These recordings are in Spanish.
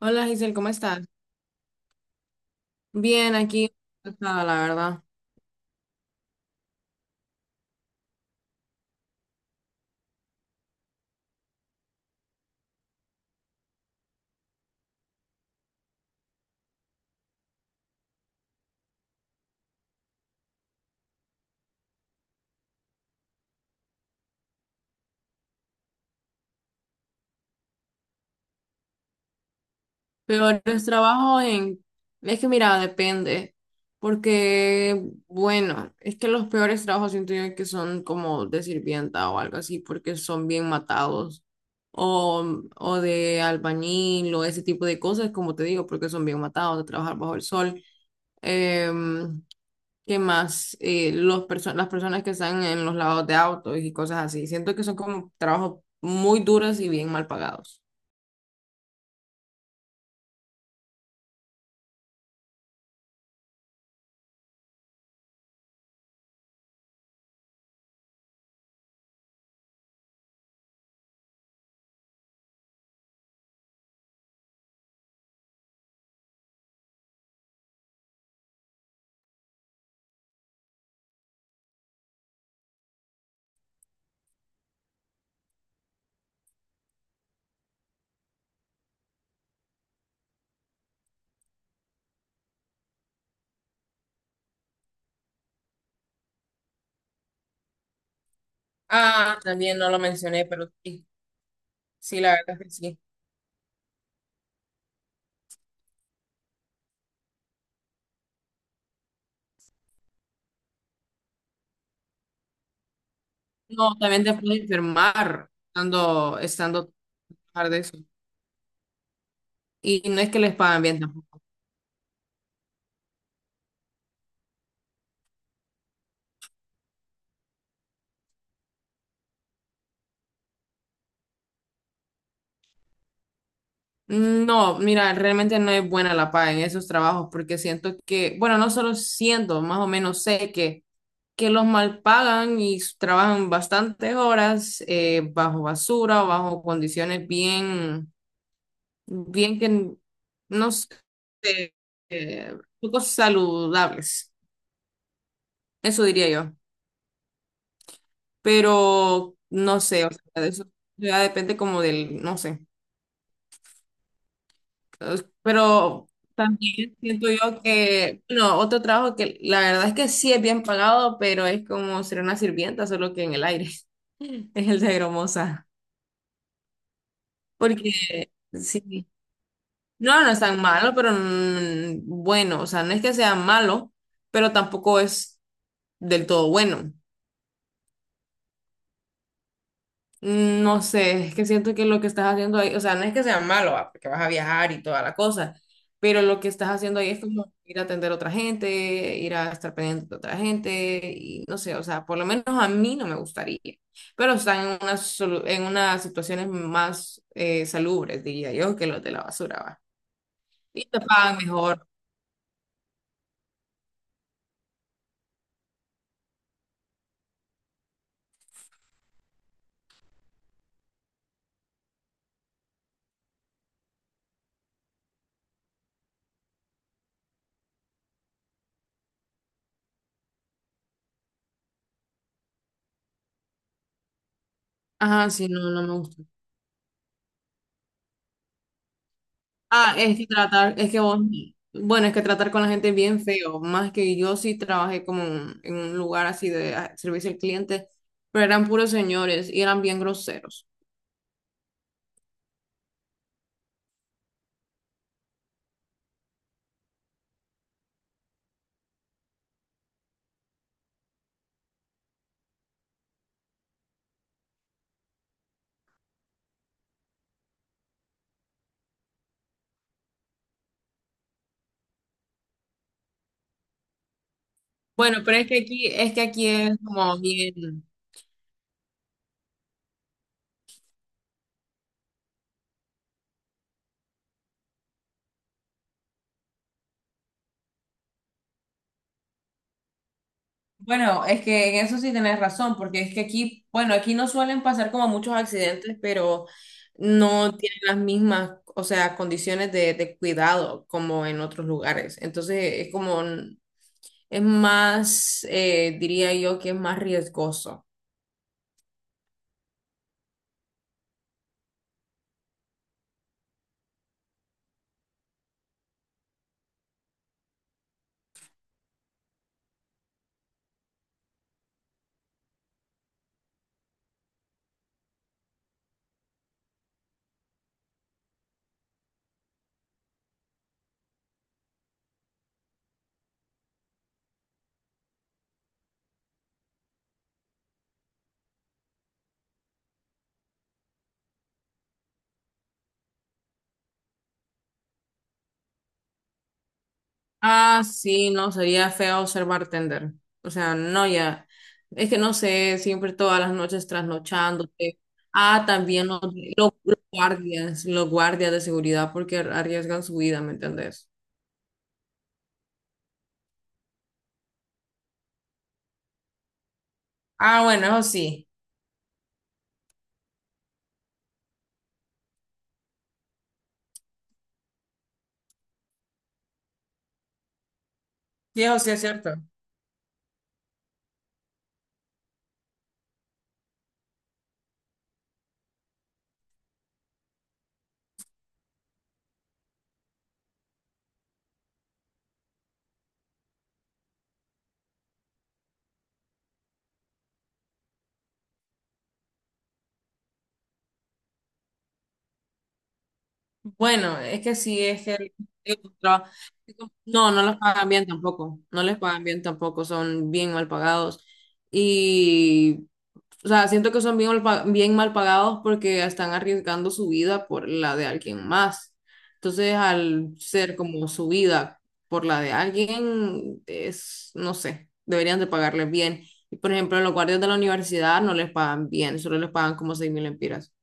Hola Giselle, ¿cómo estás? Bien, aquí, cansada, la verdad. Peores trabajo en... Es que mira, depende, porque, bueno, es que los peores trabajos siento yo que son como de sirvienta o algo así, porque son bien matados, o, o de albañil o ese tipo de cosas, como te digo, porque son bien matados de trabajar bajo el sol. Em, ¿Qué más? Las personas que están en los lados de autos y cosas así. Siento que son como trabajos muy duros y bien mal pagados. Ah, también no lo mencioné, pero sí, sí, la verdad es que sí. No, también te puedes enfermar estando trabajar de eso. Y no es que les pagan bien tampoco. No, mira, realmente no es buena la paga en esos trabajos porque siento que, bueno, no solo siento, más o menos sé que los mal pagan y trabajan bastantes horas bajo basura, bajo condiciones bien, bien que n- no sé, poco saludables, eso diría yo. Pero no sé, o sea, de eso ya depende como del, no sé. Pero también siento yo que, bueno, otro trabajo que la verdad es que sí es bien pagado, pero es como ser una sirvienta, solo que en el aire, es el de hermosa. Porque sí, no, no es tan malo, pero bueno, o sea, no es que sea malo, pero tampoco es del todo bueno. No sé, es que siento que lo que estás haciendo ahí, o sea, no es que sea malo, va, porque vas a viajar y toda la cosa, pero lo que estás haciendo ahí es como ir a atender a otra gente, ir a estar pendiente de otra gente, y no sé, o sea, por lo menos a mí no me gustaría, pero están en unas, en unas situaciones más salubres, diría yo, que los de la basura, va. Y te pagan mejor. Ajá, sí, no, no me gusta. Ah, es que tratar, es que vos, bueno, es que tratar con la gente es bien feo, más que yo sí trabajé como en un lugar así de servicio al cliente, pero eran puros señores y eran bien groseros. Bueno, pero es que aquí, es que aquí es como bien. Bueno, es que en eso sí tenés razón, porque es que aquí, bueno, aquí no suelen pasar como muchos accidentes, pero no tienen las mismas, o sea, condiciones de cuidado como en otros lugares. Entonces, es como, es más, diría yo que es más riesgoso. Ah, sí, no, sería feo ser bartender. O sea, no, ya. Es que no sé, siempre todas las noches trasnochándote. Ah, también los, los guardias de seguridad porque arriesgan su vida, ¿me entendés? Ah, bueno, eso sí. Sí, eso sí es cierto. Bueno, es que sí, es que el tra- no, no los pagan bien tampoco, no les pagan bien tampoco, son bien mal pagados. y O sea, siento que son bien, bien mal pagados porque están arriesgando su vida por la de alguien más. Entonces, al ser como su vida por la de alguien, es, no sé, deberían de pagarles bien. Y por ejemplo, los guardias de la universidad no les pagan bien, solo les pagan como 6.000 lempiras.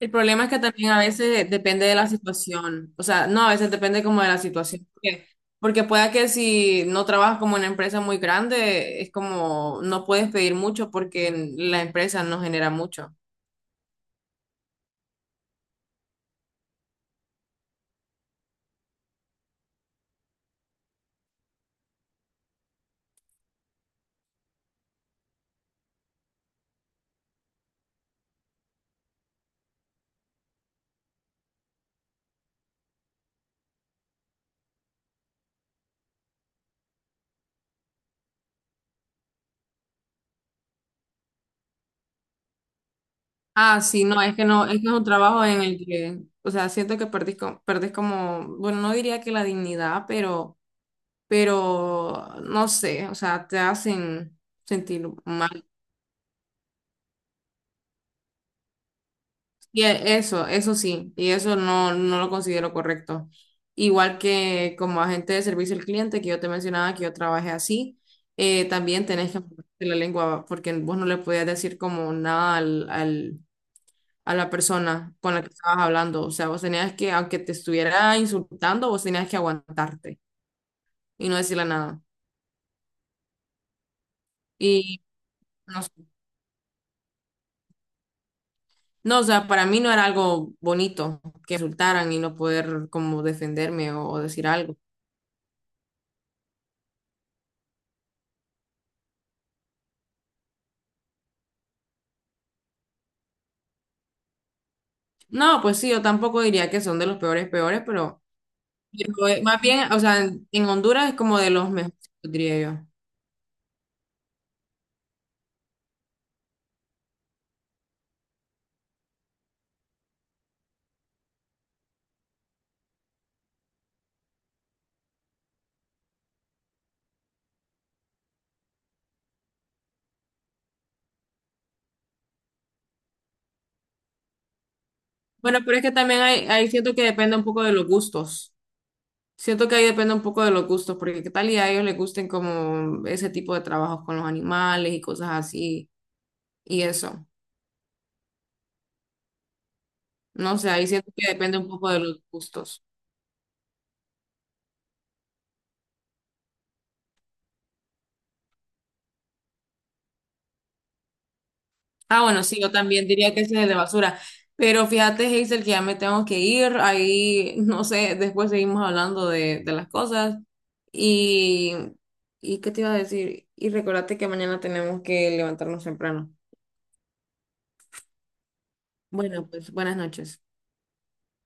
El problema es que también a veces depende de la situación, o sea, no, a veces depende como de la situación, porque pueda que si no trabajas como en una empresa muy grande, es como no puedes pedir mucho porque la empresa no genera mucho. Ah, sí, no, es que no, es que es un trabajo en el que, o sea, siento que perdés como, bueno, no diría que la dignidad, no sé, o sea, te hacen sentir mal. Eso sí, y eso no, no lo considero correcto. Igual que como agente de servicio al cliente, que yo te mencionaba que yo trabajé así, también tenés que manejarte la lengua, porque vos no le podías decir como nada a la persona con la que estabas hablando. O sea, vos tenías que, aunque te estuviera insultando, vos tenías que aguantarte y no decirle nada. Y no sé. No, o sea, para mí no era algo bonito que insultaran y no poder como defenderme o decir algo. No, pues sí, yo tampoco diría que son de los peores, peores, pero, más bien, o sea, en Honduras es como de los mejores, diría yo. Bueno, pero es que también siento que depende un poco de los gustos. Siento que ahí depende un poco de los gustos, porque qué tal y a ellos les gusten como ese tipo de trabajos con los animales y cosas así, y eso. No sé, ahí siento que depende un poco de los gustos. Ah, bueno, sí, yo también diría que ese es el de basura. Pero fíjate, Hazel, que ya me tengo que ir. Ahí, no sé, después seguimos hablando de las cosas. Y ¿y qué te iba a decir? Y recordate que mañana tenemos que levantarnos temprano. Bueno, pues buenas noches.